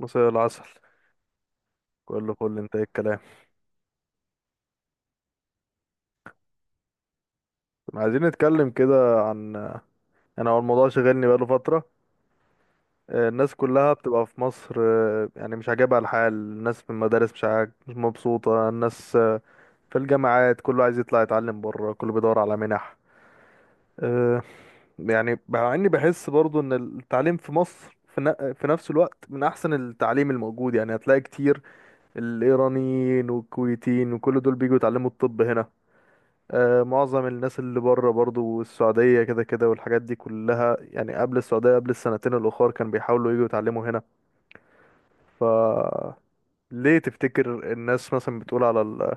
مساء العسل. كله فل، انت ايه الكلام؟ عايزين نتكلم كده عن، يعني هو الموضوع شغلني بقاله فترة. الناس كلها بتبقى في مصر، يعني مش عاجبها الحال، الناس في المدارس مش مبسوطة الناس، في الجامعات كله عايز يطلع يتعلم بره، كله بيدور على منح. آه، يعني مع اني بحس برضو ان التعليم في مصر في نفس الوقت من احسن التعليم الموجود، يعني هتلاقي كتير الايرانيين والكويتيين وكل دول بيجوا يتعلموا الطب هنا. معظم الناس اللي بره برضو السعودية كده كده والحاجات دي كلها، يعني قبل السعودية قبل السنتين الأخر كانوا بيحاولوا يجوا يتعلموا هنا. ف ليه تفتكر الناس مثلا بتقول على ال...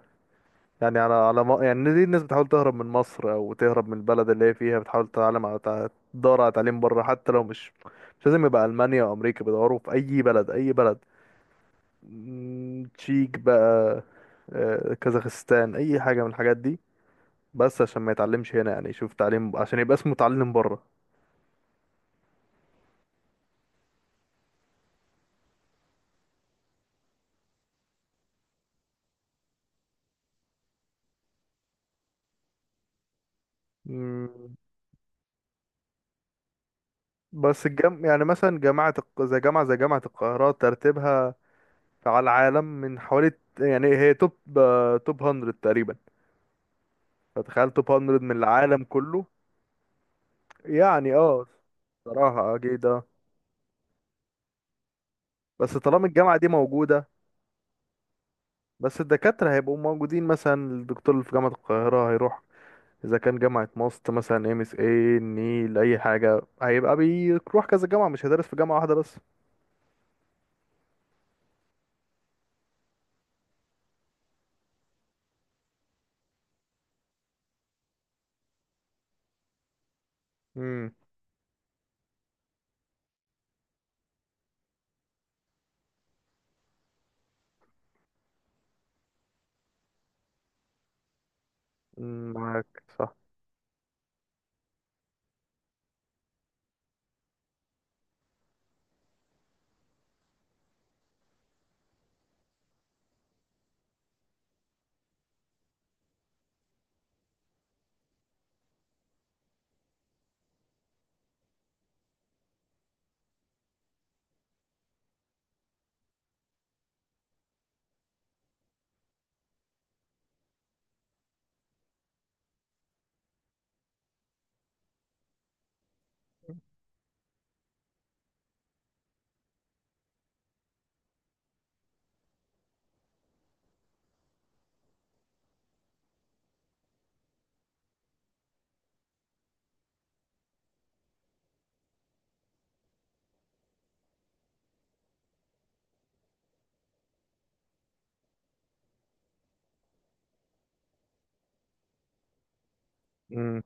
يعني على على م... يعني ليه الناس بتحاول تهرب من مصر او تهرب من البلد اللي هي فيها، بتحاول تتعلم تدور على تعليم بره، حتى لو مش لازم يبقى ألمانيا او امريكا، بيدوروا في اي بلد اي بلد. تشيك بقى، كازاخستان، اي حاجة من الحاجات دي، بس عشان ما يتعلمش هنا، يعني يشوف تعليم عشان يبقى اسمه متعلم بره. مم. بس الجم... يعني مثلا جامعة الق... زي جامعة زي جامعة القاهرة ترتيبها على العالم من حوالي، يعني هي توب، توب 100 تقريبا. فتخيل توب 100 من العالم كله. يعني اه، صراحة أكيد اه. بس طالما الجامعة دي موجودة، بس الدكاترة هيبقوا موجودين، مثلا الدكتور اللي في جامعة القاهرة هيروح إذا كان جامعة ماست مثلا، ام اس اي، النيل، أي حاجة، هيبقى بيروح كذا جامعة مش هيدرس في جامعة واحدة بس. امم، معاك، صح. امم.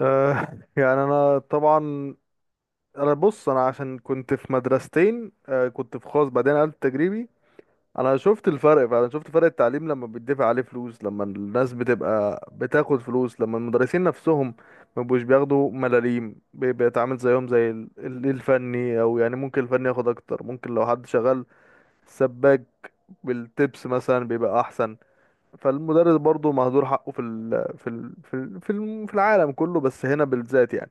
آه يعني انا طبعا انا بص، انا عشان كنت في مدرستين، آه كنت في خاص بعدين قلت تجريبي. انا شفت الفرق فعلا، شفت فرق التعليم لما بيدفع عليه فلوس، لما الناس بتبقى بتاخد فلوس، لما المدرسين نفسهم ما بيبقوش بياخدوا ملاليم، بيتعامل زيهم زي الفني، او يعني ممكن الفني ياخد اكتر، ممكن لو حد شغال سباك بالتبس مثلا بيبقى احسن. فالمدرس برضه مهدور حقه في ال... في ال... في ال... في الم- في العالم كله، بس هنا بالذات يعني.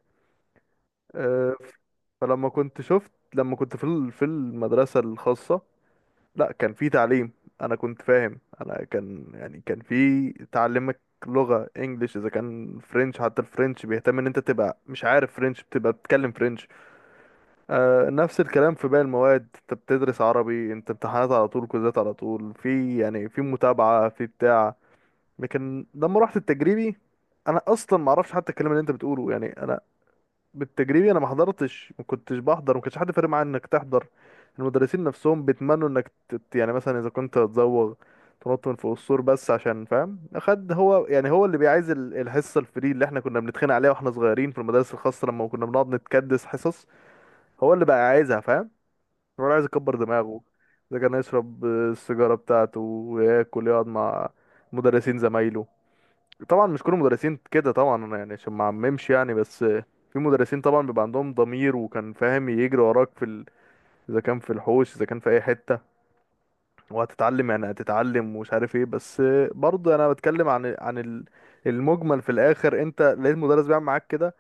آه، فلما كنت شفت لما كنت في المدرسة الخاصة، لا كان في تعليم. انا كنت فاهم، انا كان يعني كان في تعلمك لغة انجليش اذا كان فرنش، حتى الفرنش بيهتم ان انت تبقى مش عارف فرنش، بتبقى بتتكلم فرنش. آه، نفس الكلام في باقي المواد، انت بتدرس عربي، انت امتحانات على طول، كوزات على طول، في يعني في متابعة في بتاع. لكن لما رحت التجريبي انا اصلا ما اعرفش حتى الكلام اللي انت بتقوله، يعني انا بالتجريبي انا ما حضرتش، ما كنتش بحضر، ما كانش حد فارق معايا انك تحضر. المدرسين نفسهم بيتمنوا يعني مثلا اذا كنت هتزوغ تنط من فوق السور بس عشان فاهم خد، هو يعني هو اللي بيعايز الحصه الفري اللي احنا كنا بنتخانق عليها واحنا صغيرين في المدارس الخاصه لما كنا بنقعد نتكدس حصص، هو اللي بقى عايزها فاهم، هو اللي عايز يكبر دماغه، اذا كان يشرب، السيجاره بتاعته وياكل، يقعد مع مدرسين زمايله. طبعا مش كل المدرسين كده طبعا، انا يعني عشان ما عممش يعني، بس في مدرسين طبعا بيبقى عندهم ضمير وكان فاهم يجري وراك اذا كان في الحوش اذا كان في اي حته، وهتتعلم يعني هتتعلم ومش عارف ايه. بس برضه انا بتكلم عن المجمل. في الاخر انت لقيت مدرس بيعمل معاك كده،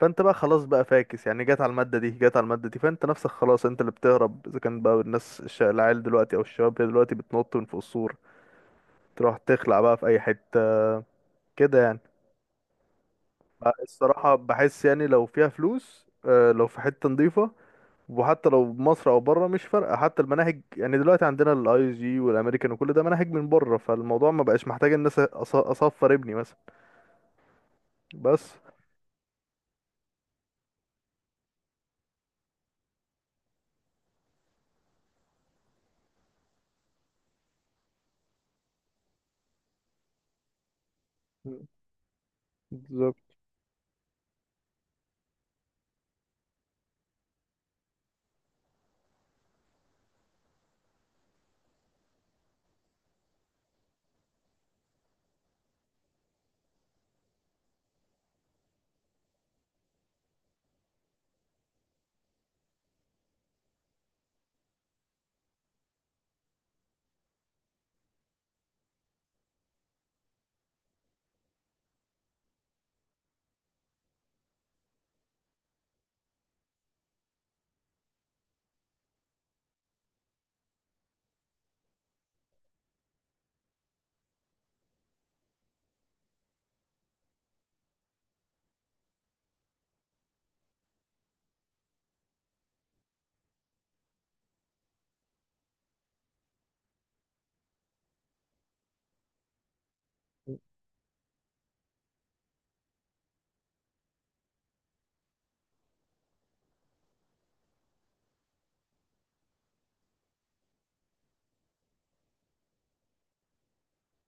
فانت بقى خلاص بقى فاكس، يعني جت على الماده دي فانت نفسك خلاص انت اللي بتهرب. اذا كان بقى الناس العيال دلوقتي او الشباب دلوقتي بتنط من فوق السور تروح تخلع بقى في اي حته كده يعني. الصراحة بحس يعني لو فيها فلوس، لو في حتة نظيفة، وحتى لو مصر او بره مش فارقة، حتى المناهج يعني دلوقتي عندنا الاي جي والامريكان وكل ده مناهج من بره، فالموضوع ما بقاش محتاج الناس اصفر ابني مثلا. بس. بالظبط.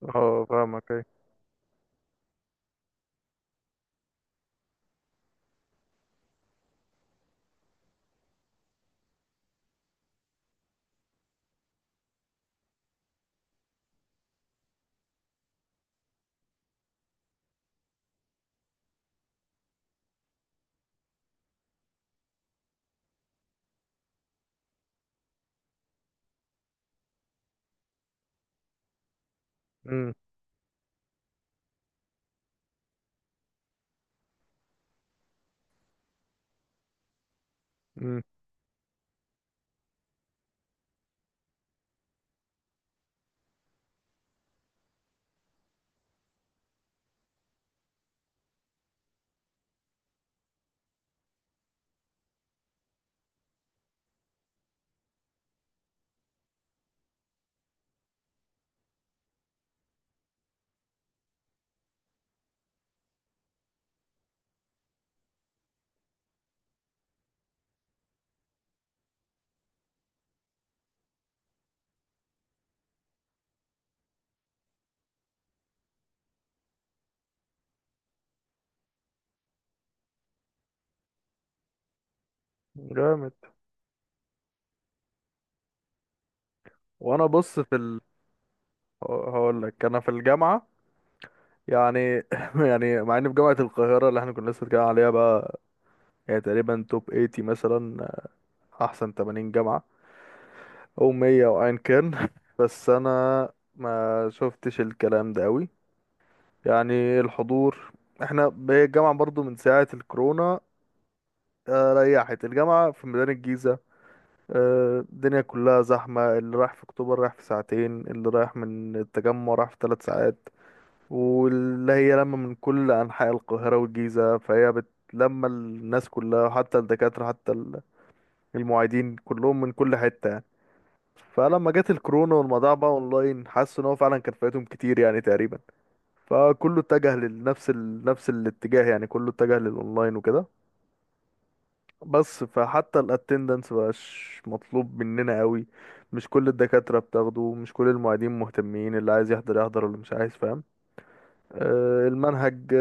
اه فاهمك. ايه. امم. امم. جامد. وانا بص هقول لك انا في الجامعه يعني يعني مع اني في جامعه القاهره اللي احنا كنا لسه بنتكلم عليها بقى، يعني تقريبا توب 80 مثلا، احسن 80 جامعه او مية او ايا كان بس انا ما شفتش الكلام ده قوي، يعني الحضور، احنا الجامعة برضو من ساعة الكورونا، ريحت الجامعة في ميدان الجيزة، الدنيا كلها زحمة، اللي رايح في اكتوبر رايح في ساعتين، اللي رايح من التجمع رايح في 3 ساعات، واللي هي لما من كل انحاء القاهرة والجيزة فهي بتلم الناس كلها، حتى الدكاترة حتى المعيدين كلهم من كل حتة. فلما جت الكورونا والموضوع بقى اونلاين، حسوا ان هو فعلا كان فايتهم كتير يعني تقريبا، فكله اتجه لنفس نفس الاتجاه، يعني كله اتجه للاونلاين وكده. بس فحتى الاتندنس مبقاش مطلوب مننا قوي، مش كل الدكاترة بتاخده، مش كل المعيدين مهتمين، اللي عايز يحضر يحضر واللي مش عايز فاهم. المنهج،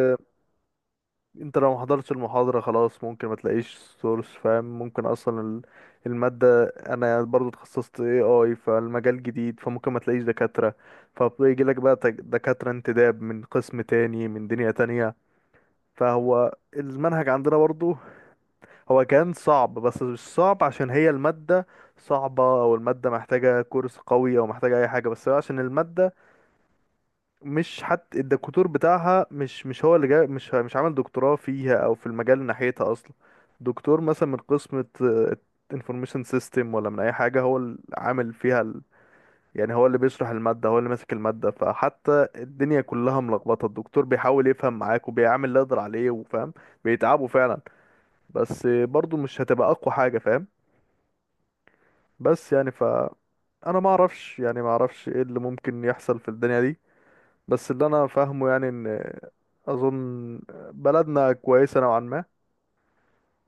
انت لو ما حضرتش المحاضرة خلاص ممكن ما تلاقيش سورس فاهم، ممكن اصلا المادة، انا برضو اتخصصت AI فالمجال جديد، فممكن ما تلاقيش دكاترة، فبيجي لك بقى دكاترة انتداب من قسم تاني من دنيا تانية. فهو المنهج عندنا برضو هو كان صعب، بس مش صعب عشان هي المادة صعبة او المادة محتاجة كورس قوي او محتاجة اي حاجة، بس هو عشان المادة مش حتى الدكتور بتاعها، مش مش هو اللي جاي، مش مش عامل دكتوراه فيها او في المجال ناحيتها اصلا، دكتور مثلا من قسم انفورميشن سيستم ولا من اي حاجه هو اللي عامل فيها يعني هو اللي بيشرح الماده هو اللي ماسك الماده، فحتى الدنيا كلها ملخبطه، الدكتور بيحاول يفهم معاك وبيعمل اللي يقدر عليه وفاهم، بيتعبوا فعلا، بس برضو مش هتبقى اقوى حاجه فاهم. بس يعني ف انا ما اعرفش، يعني ما اعرفش ايه اللي ممكن يحصل في الدنيا دي، بس اللي انا فاهمه يعني ان اظن بلدنا كويسه نوعا ما.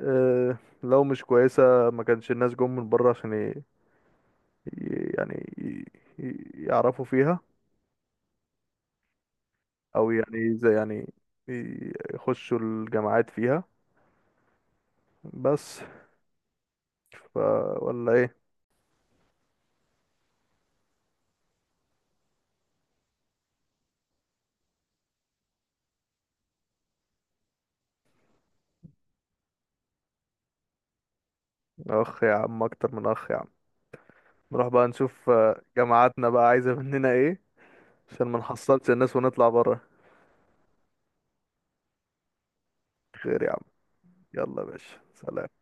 أه لو مش كويسه ما كانش الناس جم من بره عشان يعني يعرفوا فيها، او يعني زي يعني يخشوا الجامعات فيها بس. ف ولا ايه؟ اخ يا عم، اكتر من اخ يا عم. نروح بقى نشوف، جامعاتنا بقى عايزه مننا ايه عشان ما نحصلش الناس ونطلع بره. خير يا عم، يلا يا باشا، سلام.